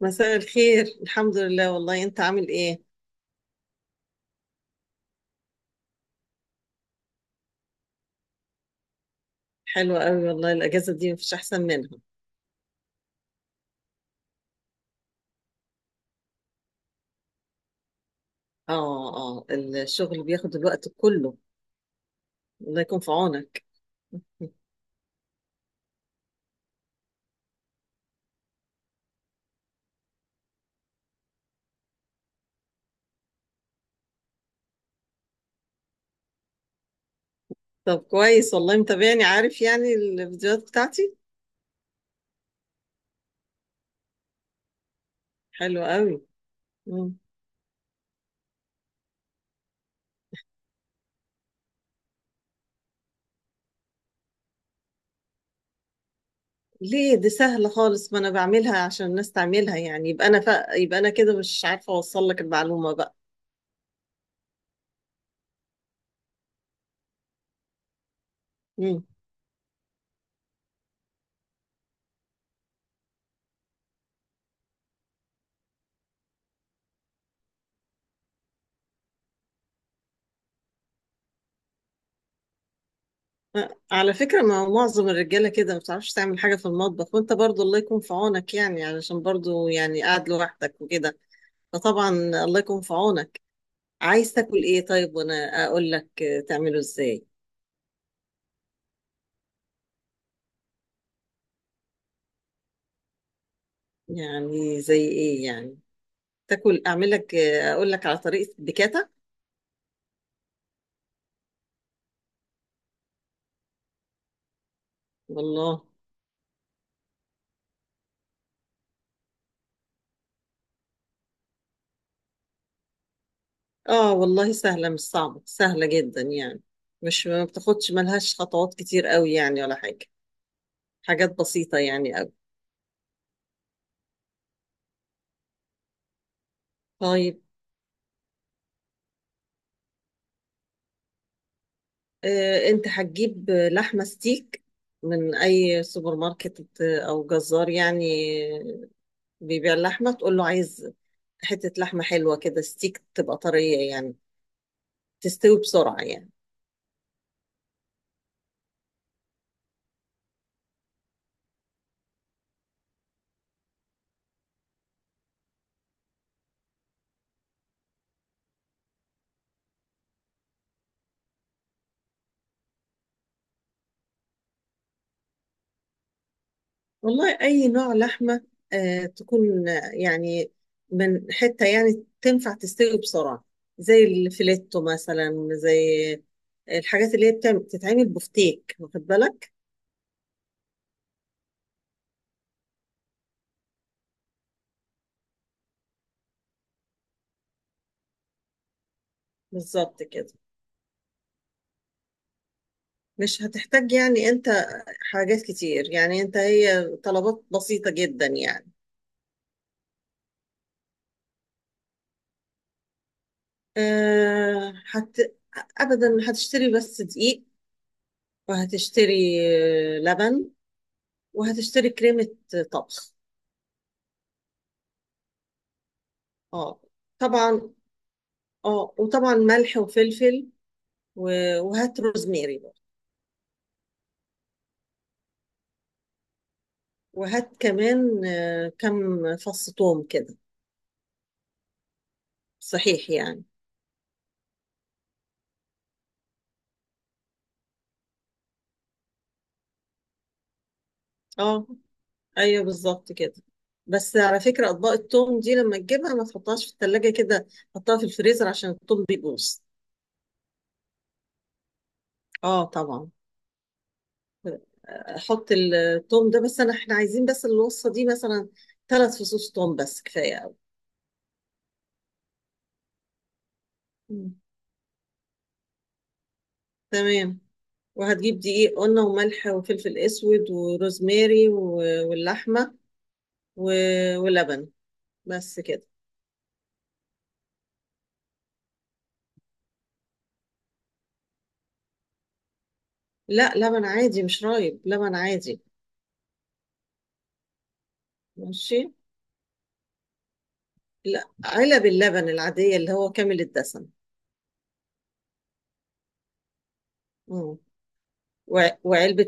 مساء الخير. الحمد لله والله، انت عامل ايه؟ حلوة قوي والله، الاجازة دي مفيش احسن منها. اه الشغل بياخد الوقت كله. الله يكون في عونك. طب كويس والله، متابعني، عارف يعني الفيديوهات بتاعتي. حلوة قوي. مم. ليه، دي سهلة خالص، ما انا بعملها عشان الناس تعملها، يعني يبقى انا كده مش عارفة اوصل لك المعلومة بقى. مم. على فكرة، ما معظم الرجالة كده ما بتعرفش تعمل حاجة في المطبخ، وانت برضو الله يكون في عونك يعني، علشان برضو يعني قاعد لوحدك وكده. فطبعا، الله يكون في عونك. عايز تاكل ايه طيب؟ وانا اقول لك تعمله ازاي. يعني زي ايه يعني؟ تاكل، اعمل لك اقول لك على طريقة البيكاتا. والله. اه والله، سهلة مش صعبة، سهلة جدا يعني. مش، ما بتاخدش، ملهاش خطوات كتير قوي يعني ولا حاجة. حاجات بسيطة يعني قوي. طيب. آه، انت هتجيب لحمة ستيك، من اي سوبر ماركت او جزار يعني، بيبيع اللحمة. تقول له: عايز حتة لحمة حلوة كده، ستيك، تبقى طرية يعني، تستوي بسرعة يعني. والله، أي نوع لحمة آه، تكون يعني من حتة يعني تنفع تستوي بسرعة، زي الفيليتو مثلا، زي الحاجات اللي هي بتتعمل بفتيك، واخد بالك. بالظبط كده. مش هتحتاج يعني انت حاجات كتير يعني، انت هي طلبات بسيطة جدا يعني. آه هت... أبدا، هتشتري بس دقيق، وهتشتري لبن، وهتشتري كريمة طبخ. اه طبعا. اه، وطبعا ملح وفلفل، وهات روزميري برضه. وهات كمان كم فص ثوم كده، صحيح يعني. اه، ايوه، بالظبط كده. بس على فكرة، اطباق الثوم دي لما تجيبها ما تحطهاش في الثلاجة كده. حطها في الفريزر عشان الثوم بيبوظ. اه طبعا، حط الثوم ده. بس انا، احنا عايزين بس الوصفة دي مثلا 3 فصوص ثوم، بس كفاية. قوي. تمام. وهتجيب دقيق قلنا، وملح، وفلفل اسود، وروزماري، واللحمه، ولبن. بس كده. لا، لبن عادي، مش رايب، لبن عادي. ماشي. لا، علب اللبن العاديه اللي هو كامل الدسم. مم. وع- وعلبه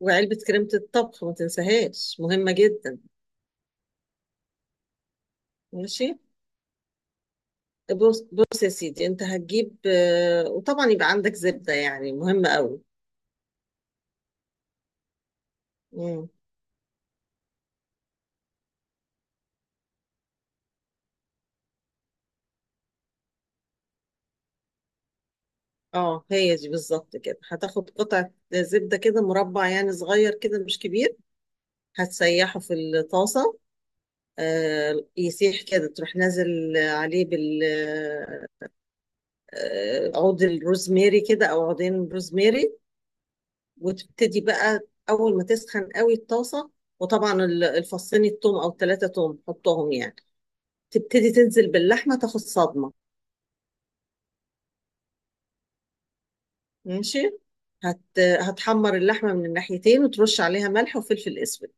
وعلبه كريمه الطبخ، ما تنساهاش، مهمه جدا. ماشي. بص بص يا سيدي، انت هتجيب وطبعا يبقى عندك زبده يعني، مهمه قوي. اه، هي دي بالظبط كده. هتاخد قطعة زبدة كده، مربع يعني، صغير كده مش كبير. هتسيحه في الطاسة. آه، يسيح كده، تروح نازل عليه بال، عود الروزماري كده، او عودين روزماري. وتبتدي بقى اول ما تسخن قوي الطاسة، وطبعا الفصين التوم، او 3 توم، حطهم يعني. تبتدي تنزل باللحمة، تاخد صدمة. ماشي. هتحمر اللحمة من الناحيتين، وترش عليها ملح وفلفل اسود.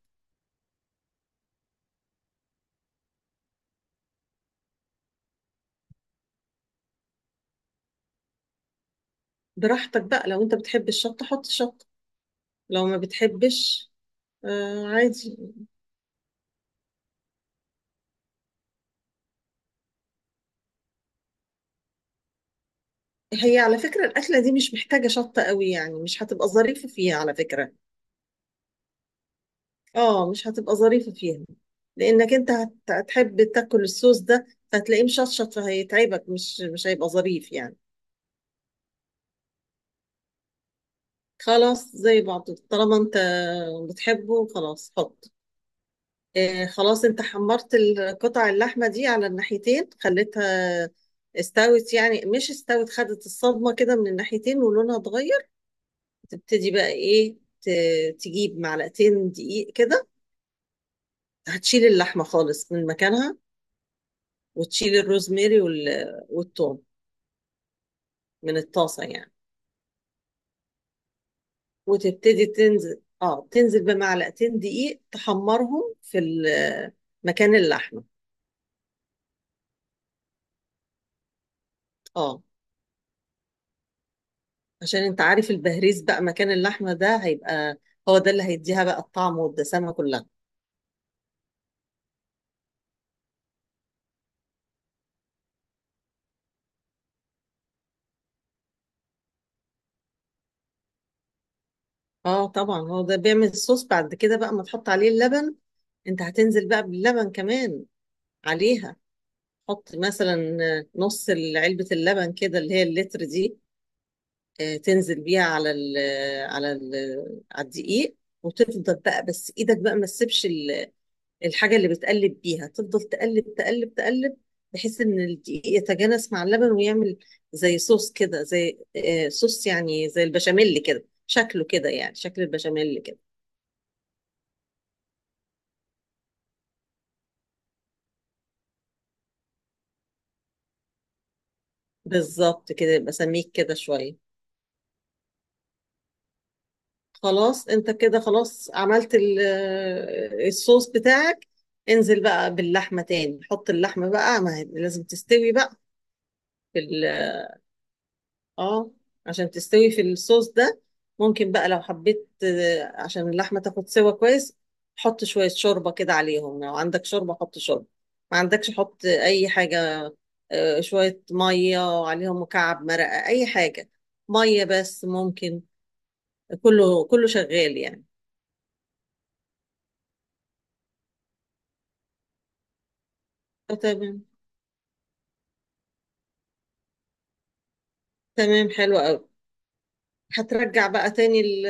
براحتك بقى، لو انت بتحب الشطة حط شطة، لو ما بتحبش، آه عادي. هي على فكرة الأكلة دي مش محتاجة شطة قوي يعني، مش هتبقى ظريفة فيها على فكرة. اه، مش هتبقى ظريفة فيها، لأنك انت هتحب تاكل الصوص ده، فهتلاقيه مشطشط، فهيتعبك، مش هيبقى ظريف يعني. خلاص، زي بعض، طالما انت بتحبه خلاص حط. خلاص انت حمرت القطع اللحمة دي على الناحيتين، خليتها استوت، يعني مش استوت، خدت الصدمة كده من الناحيتين، ولونها اتغير. تبتدي بقى ايه؟ تجيب معلقتين دقيق كده، هتشيل اللحمة خالص من مكانها، وتشيل الروزماري والثوم من الطاسة يعني. وتبتدي تنزل بمعلقتين دقيق، تحمرهم في مكان اللحمة. اه، عشان انت عارف، البهريز بقى مكان اللحمة ده هيبقى هو ده اللي هيديها بقى الطعم والدسامة كلها. اه طبعا، هو ده بيعمل الصوص. بعد كده بقى ما تحط عليه اللبن، انت هتنزل بقى باللبن كمان عليها. حط مثلا نص علبة اللبن كده، اللي هي اللتر دي. تنزل بيها على ال على ال على الدقيق. وتفضل بقى، بس ايدك بقى ما تسيبش الحاجة اللي بتقلب بيها. تفضل تقلب تقلب تقلب، بحيث ان الدقيق يتجانس مع اللبن ويعمل زي صوص كده، زي صوص يعني، زي البشاميل كده، شكله كده يعني، شكل البشاميل كده. بالظبط كده، يبقى سميك كده شوية. خلاص، انت كده خلاص عملت الصوص بتاعك. انزل بقى باللحمة تاني، حط اللحمة بقى، ما هي لازم تستوي بقى في، اه عشان تستوي في الصوص ده. ممكن بقى لو حبيت، عشان اللحمة تاخد سوا كويس، حط شوية شوربة كده عليهم. لو عندك شوربة حط شوربة، ما عندكش حط أي حاجة. شوية مية عليهم، مكعب مرقة، أي حاجة، مية بس ممكن، كله كله شغال يعني. آه، تمام. تمام، حلو قوي. هترجع بقى تاني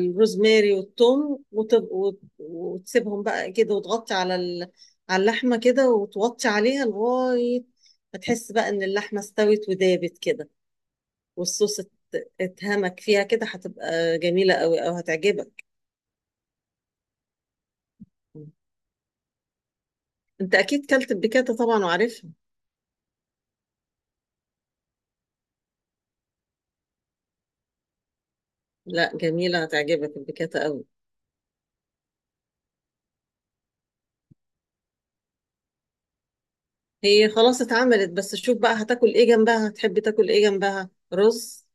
الروزماري والثوم، وتسيبهم بقى كده، وتغطي على على اللحمة كده، وتوطي عليها لغاية ما تحس بقى ان اللحمة استوت ودابت كده، والصوص اتهمك فيها كده. هتبقى جميلة قوي، او هتعجبك. انت اكيد كلت البيكاتا طبعا وعارفها. لا، جميلة، هتعجبك البيكاتا قوي. هي خلاص اتعملت، بس شوف بقى هتاكل ايه جنبها؟ هتحب تاكل ايه جنبها؟ رز.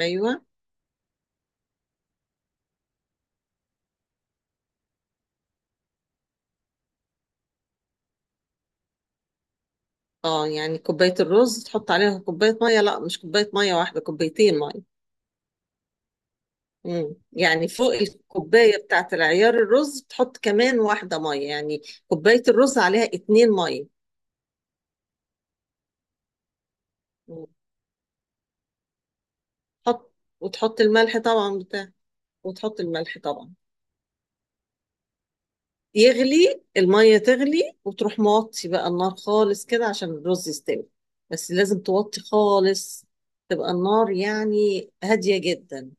ايوه. اه، يعني كوباية الرز تحط عليها كوباية مية، لا مش كوباية مية واحدة، كوبايتين مية. مم. يعني فوق الكوباية بتاعة العيار الرز تحط كمان واحدة مية يعني، كوباية الرز عليها 2 مية. مم. تحط وتحط الملح طبعا بتاع وتحط الملح طبعا. يغلي المية، تغلي، وتروح موطي بقى النار خالص كده عشان الرز يستوي. بس لازم توطي خالص، تبقى النار يعني هادية جدا.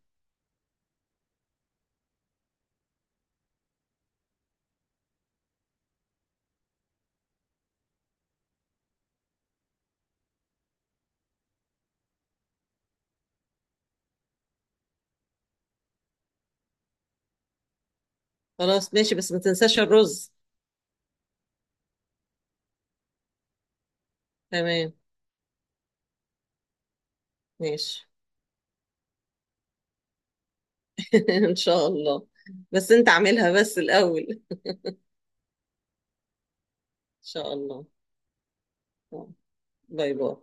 خلاص ماشي، بس ما تنساش الرز. تمام. ماشي. ان شاء الله. بس انت اعملها بس الاول، ان شاء الله. آه. باي باي.